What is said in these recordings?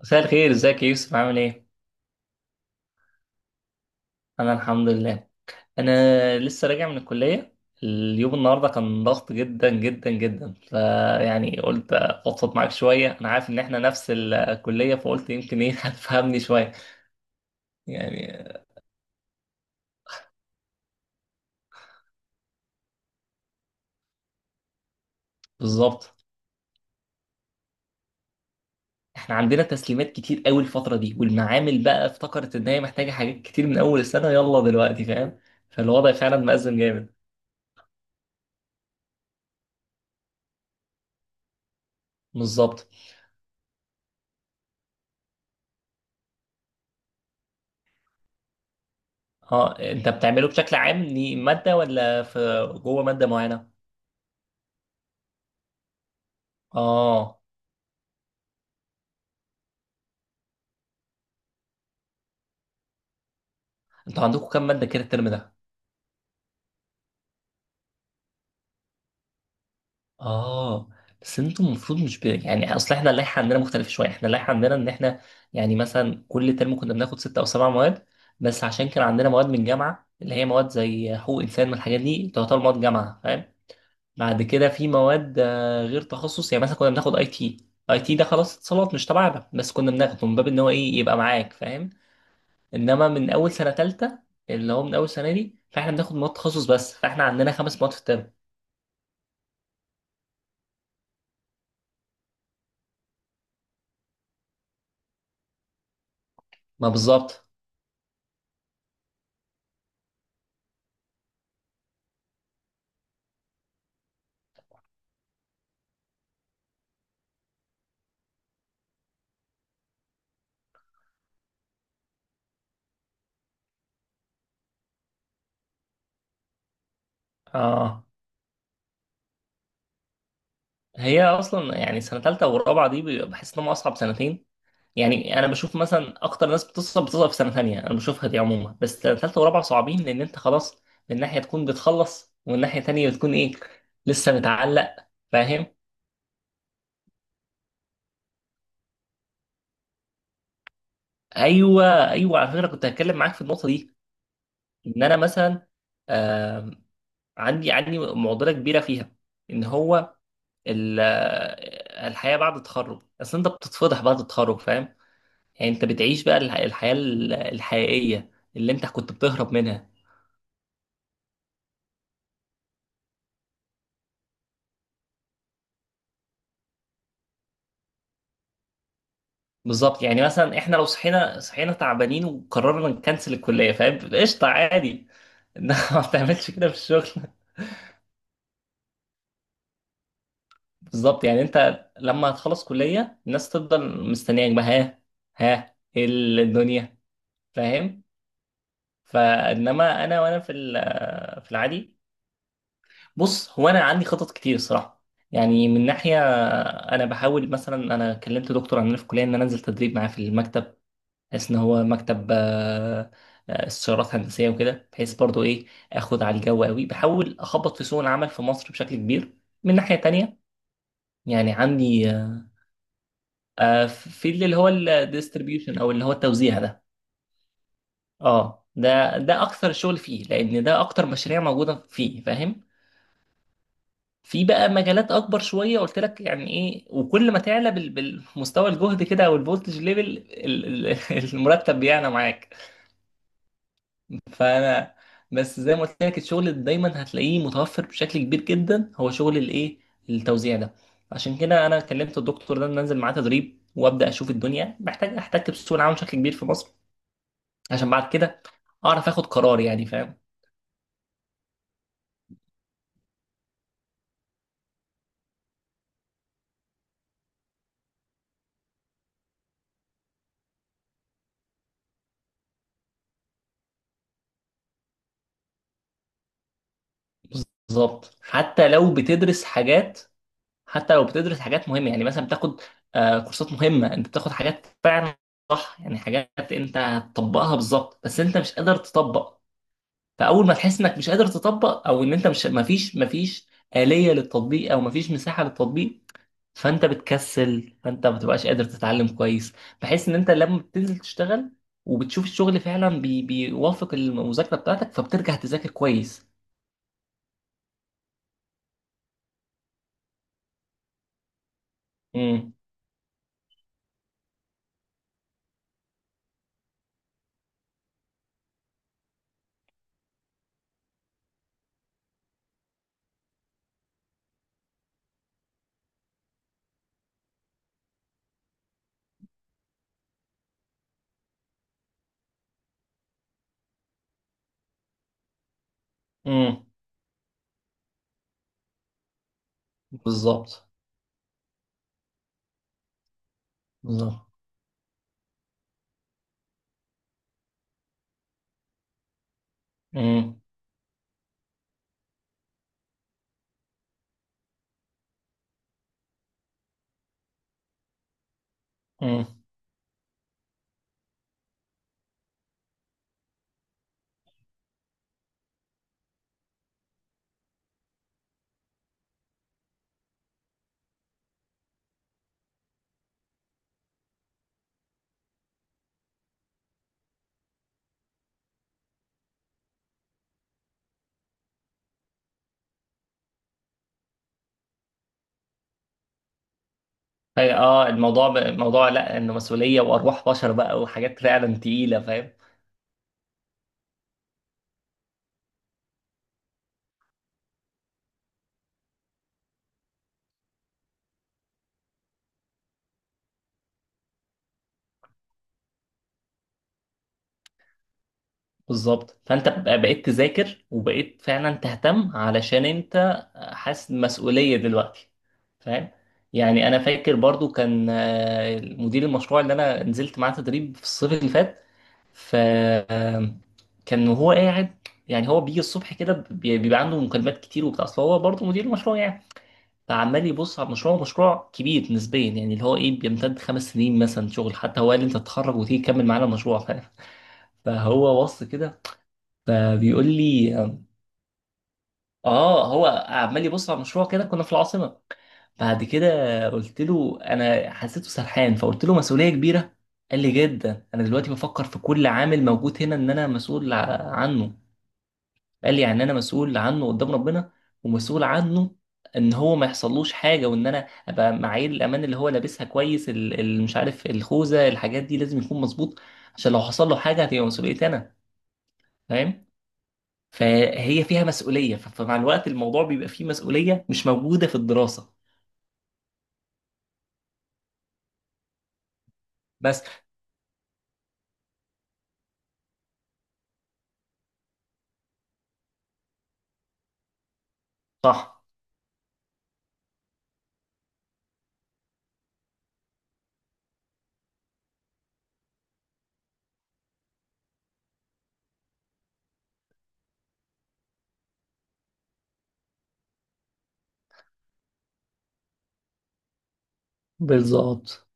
مساء الخير، ازيك يا يوسف؟ عامل ايه؟ انا الحمد لله. انا لسه راجع من الكلية. اليوم النهاردة كان ضغط جدا جدا جدا، فيعني قلت افضفض معاك شوية. انا عارف ان احنا نفس الكلية، فقلت يمكن ايه هتفهمني شوية. يعني بالظبط، احنا عندنا تسليمات كتير قوي الفترة دي، والمعامل بقى افتكرت ان هي محتاجة حاجات كتير من اول السنة يلا دلوقتي، فاهم. فالوضع فعلا مأزم جامد. بالظبط. اه، انت بتعمله بشكل عام إن مادة ولا في جوه مادة معينة؟ اه، انتوا عندكم كام مادة كده الترم ده؟ اه. بس انتوا المفروض مش يعني اصل احنا اللائحة عندنا مختلفة شوية، احنا اللائحة عندنا ان احنا يعني مثلا كل ترم كنا بناخد ست او سبع مواد، بس عشان كان عندنا مواد من جامعة، اللي هي مواد زي حقوق انسان، من الحاجات دي تعتبر مواد جامعة، فاهم؟ بعد كده في مواد غير تخصص، يعني مثلا كنا بناخد اي تي، اي تي ده خلاص اتصالات مش تبعنا، بس كنا بناخده من باب ان هو ايه يبقى معاك، فاهم؟ انما من اول سنة تالتة، اللي هو من اول سنة دي، فاحنا بناخد مواد تخصص بس، فاحنا عندنا خمس مواد في الترم. ما بالظبط. اه، هي اصلا يعني سنه ثالثه ورابعه دي بحس انهم اصعب سنتين. يعني انا بشوف مثلا اكتر ناس بتصعب في سنه ثانيه انا بشوفها دي عموما، بس سنه ثالثه ورابعه صعبين، لان انت خلاص من ناحيه تكون بتخلص، ومن ناحيه ثانيه بتكون ايه، لسه متعلق، فاهم. ايوه ايوه، على فكره كنت هتكلم معاك في النقطه دي، ان انا مثلا آه عندي معضله كبيره فيها. ان هو الحياه بعد التخرج، اصل انت بتتفضح بعد التخرج، فاهم. يعني انت بتعيش بقى الحياة الحقيقية، اللي انت كنت بتهرب منها. بالظبط، يعني مثلا احنا لو صحينا تعبانين وقررنا نكنسل الكلية، فاهم، قشطة عادي انما ما تعملش كده في الشغل. بالظبط، يعني انت لما هتخلص كلية الناس تفضل مستنياك بقى، ها، ها، ايه الدنيا، فاهم. فانما انا وانا في في العادي. بص، هو انا عندي خطط كتير الصراحة. يعني من ناحية انا بحاول، مثلا انا كلمت دكتور عندنا في الكليه ان انا انزل تدريب معاه في المكتب، بحيث ان هو مكتب استشارات هندسيه وكده، بحيث برضو ايه، اخد على الجو قوي، بحاول اخبط في سوق العمل في مصر بشكل كبير. من ناحيه تانية يعني عندي في اللي هو الديستريبيوشن او اللي هو التوزيع ده. اه، ده ده اكثر شغل فيه، لان ده اكتر مشاريع موجوده فيه، فاهم. في بقى مجالات اكبر شويه قلت لك يعني ايه، وكل ما تعلى بالمستوى الجهد كده او الفولتج ليفل المرتب بيعلى معاك. فانا بس زي ما قلت لك، الشغل اللي دايما هتلاقيه متوفر بشكل كبير جدا هو شغل الايه، التوزيع ده. عشان كده انا كلمت الدكتور ده إن ننزل معاه تدريب وابدا اشوف الدنيا، محتاج احتك بسوق العمل بشكل كبير في مصر، عشان بعد كده اعرف اخد قرار، يعني فاهم. بالظبط حتى لو بتدرس حاجات، حتى لو بتدرس حاجات مهمه، يعني مثلا بتاخد كورسات مهمه، انت بتاخد حاجات فعلا صح، يعني حاجات انت هتطبقها بالظبط، بس انت مش قادر تطبق. فاول ما تحس انك مش قادر تطبق، او ان انت مش مفيش آلية للتطبيق، او مفيش مساحة للتطبيق، فانت بتكسل، فانت ما بتبقاش قادر تتعلم كويس، بحيث ان انت لما بتنزل تشتغل وبتشوف الشغل فعلا بيوافق المذاكرة بتاعتك، فبترجع تذاكر كويس. امم. امم. بالظبط. بالظبط. امم. امم. اه، الموضوع الموضوع لا، انه مسؤولية وارواح بشر بقى، وحاجات فعلا تقيلة، فاهم. بالظبط، فانت بقيت تذاكر وبقيت فعلا تهتم، علشان انت حاسس بمسؤولية دلوقتي، فاهم. يعني انا فاكر برضو، كان مدير المشروع اللي انا نزلت معاه تدريب في الصيف اللي فات، ف آه، كان وهو قاعد، يعني هو بيجي الصبح كده بيبقى عنده مكالمات كتير وبتاع، اصل هو برضه مدير مشروع يعني. فعمال يبص على المشروع، مشروع كبير نسبيا يعني، اللي هو ايه، بيمتد خمس سنين مثلا شغل، حتى هو قال لي انت تتخرج وتيجي تكمل معانا المشروع، فاهم. فهو بص كده فبيقول لي. اه، هو عمال يبص على مشروع كده، كنا في العاصمه. بعد كده قلت له، انا حسيته سرحان، فقلت له مسؤوليه كبيره. قال لي جدا، انا دلوقتي بفكر في كل عامل موجود هنا ان انا مسؤول عنه. قال لي يعني انا مسؤول عنه قدام ربنا، ومسؤول عنه ان هو ما يحصلوش حاجه، وان انا ابقى معايير الامان اللي هو لابسها كويس، مش عارف الخوذه، الحاجات دي لازم يكون مظبوط، عشان لو حصل له حاجه هتبقى مسؤوليتي انا، فاهم. فهي فيها مسؤولية، فمع الوقت الموضوع بيبقى فيه مسؤولية مش موجودة في الدراسة. بس صح، بالظبط.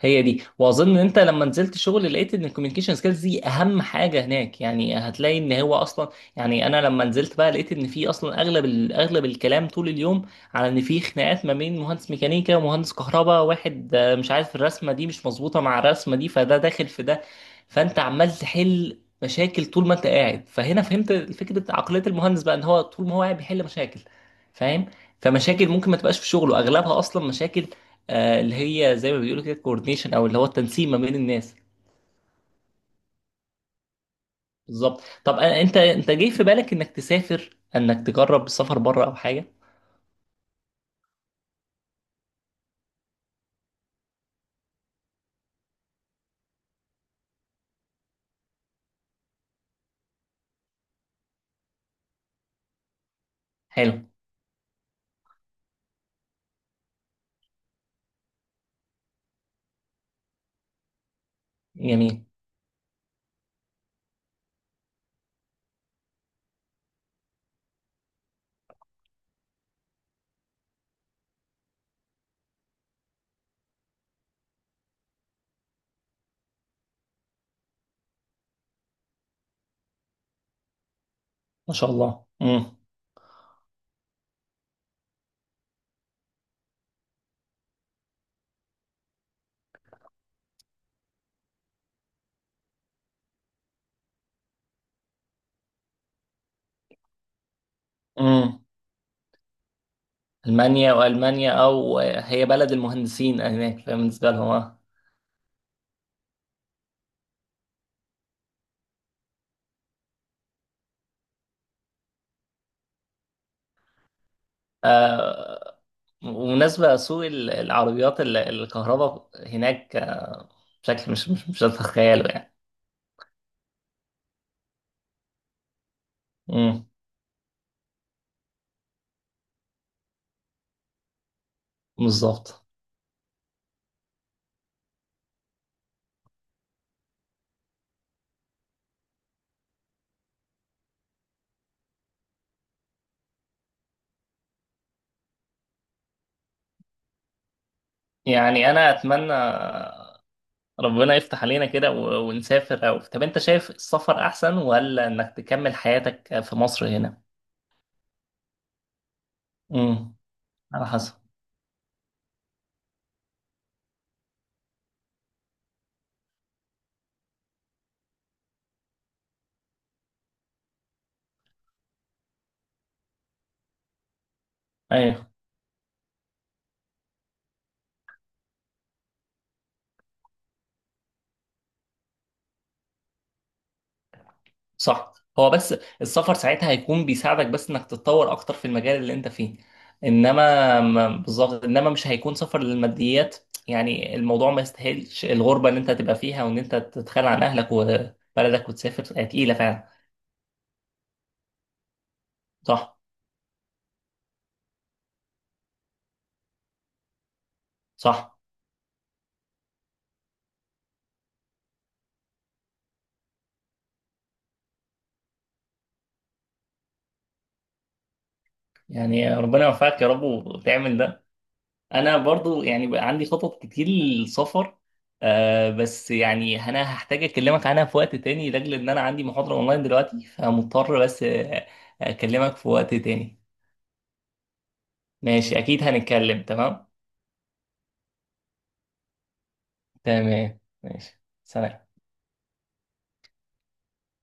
هي دي، واظن ان انت لما نزلت شغل لقيت ان الكوميونيكيشن سكيلز دي اهم حاجه هناك. يعني هتلاقي ان هو اصلا، يعني انا لما نزلت بقى لقيت ان في اصلا اغلب اغلب الكلام طول اليوم على ان في خناقات ما بين مهندس ميكانيكا ومهندس كهرباء، واحد مش عارف الرسمه دي مش مظبوطه مع الرسمه دي، فده داخل في ده. فانت عمال تحل مشاكل طول ما انت قاعد، فهنا فهمت فكره عقليه المهندس بقى، ان هو طول ما هو قاعد بيحل مشاكل، فاهم. فمشاكل ممكن ما تبقاش في شغله، اغلبها اصلا مشاكل اللي هي زي ما بيقولوا كده كوردينيشن، او اللي هو التنسيق ما بين الناس. بالظبط. طب انت جاي في بالك انك تسافر، انك تجرب السفر بره او حاجه؟ حلو. جميل. ما شاء الله. امم. امم. المانيا، والمانيا او هي بلد المهندسين هناك، فاهم، بالنسبه لهم اه. آه، ومناسبة سوق العربيات الكهرباء هناك بشكل مش هتتخيله يعني. امم. بالظبط. يعني انا اتمنى ربنا يفتح علينا كده ونسافر. أو طب أنت شايف السفر أحسن ولا إنك تكمل حياتك في مصر هنا؟ امم. على حسب. أيوه. صح. هو بس السفر ساعتها هيكون بيساعدك بس إنك تتطور أكتر في المجال اللي أنت فيه. إنما بالظبط، إنما مش هيكون سفر للماديات. يعني الموضوع ما يستاهلش الغربة اللي أنت هتبقى فيها، وإن أنت تتخلى عن أهلك وبلدك وتسافر، هي تقيلة فعلا. صح. صح. يعني ربنا يوفقك يا رب وتعمل ده. انا برضو يعني بقى عندي خطط كتير للسفر، آه، بس يعني انا هحتاج اكلمك عنها في وقت تاني، لاجل ان انا عندي محاضرة اونلاين دلوقتي، فمضطر بس اكلمك في وقت تاني. ماشي اكيد هنتكلم. تمام. تمام ماشي سلام.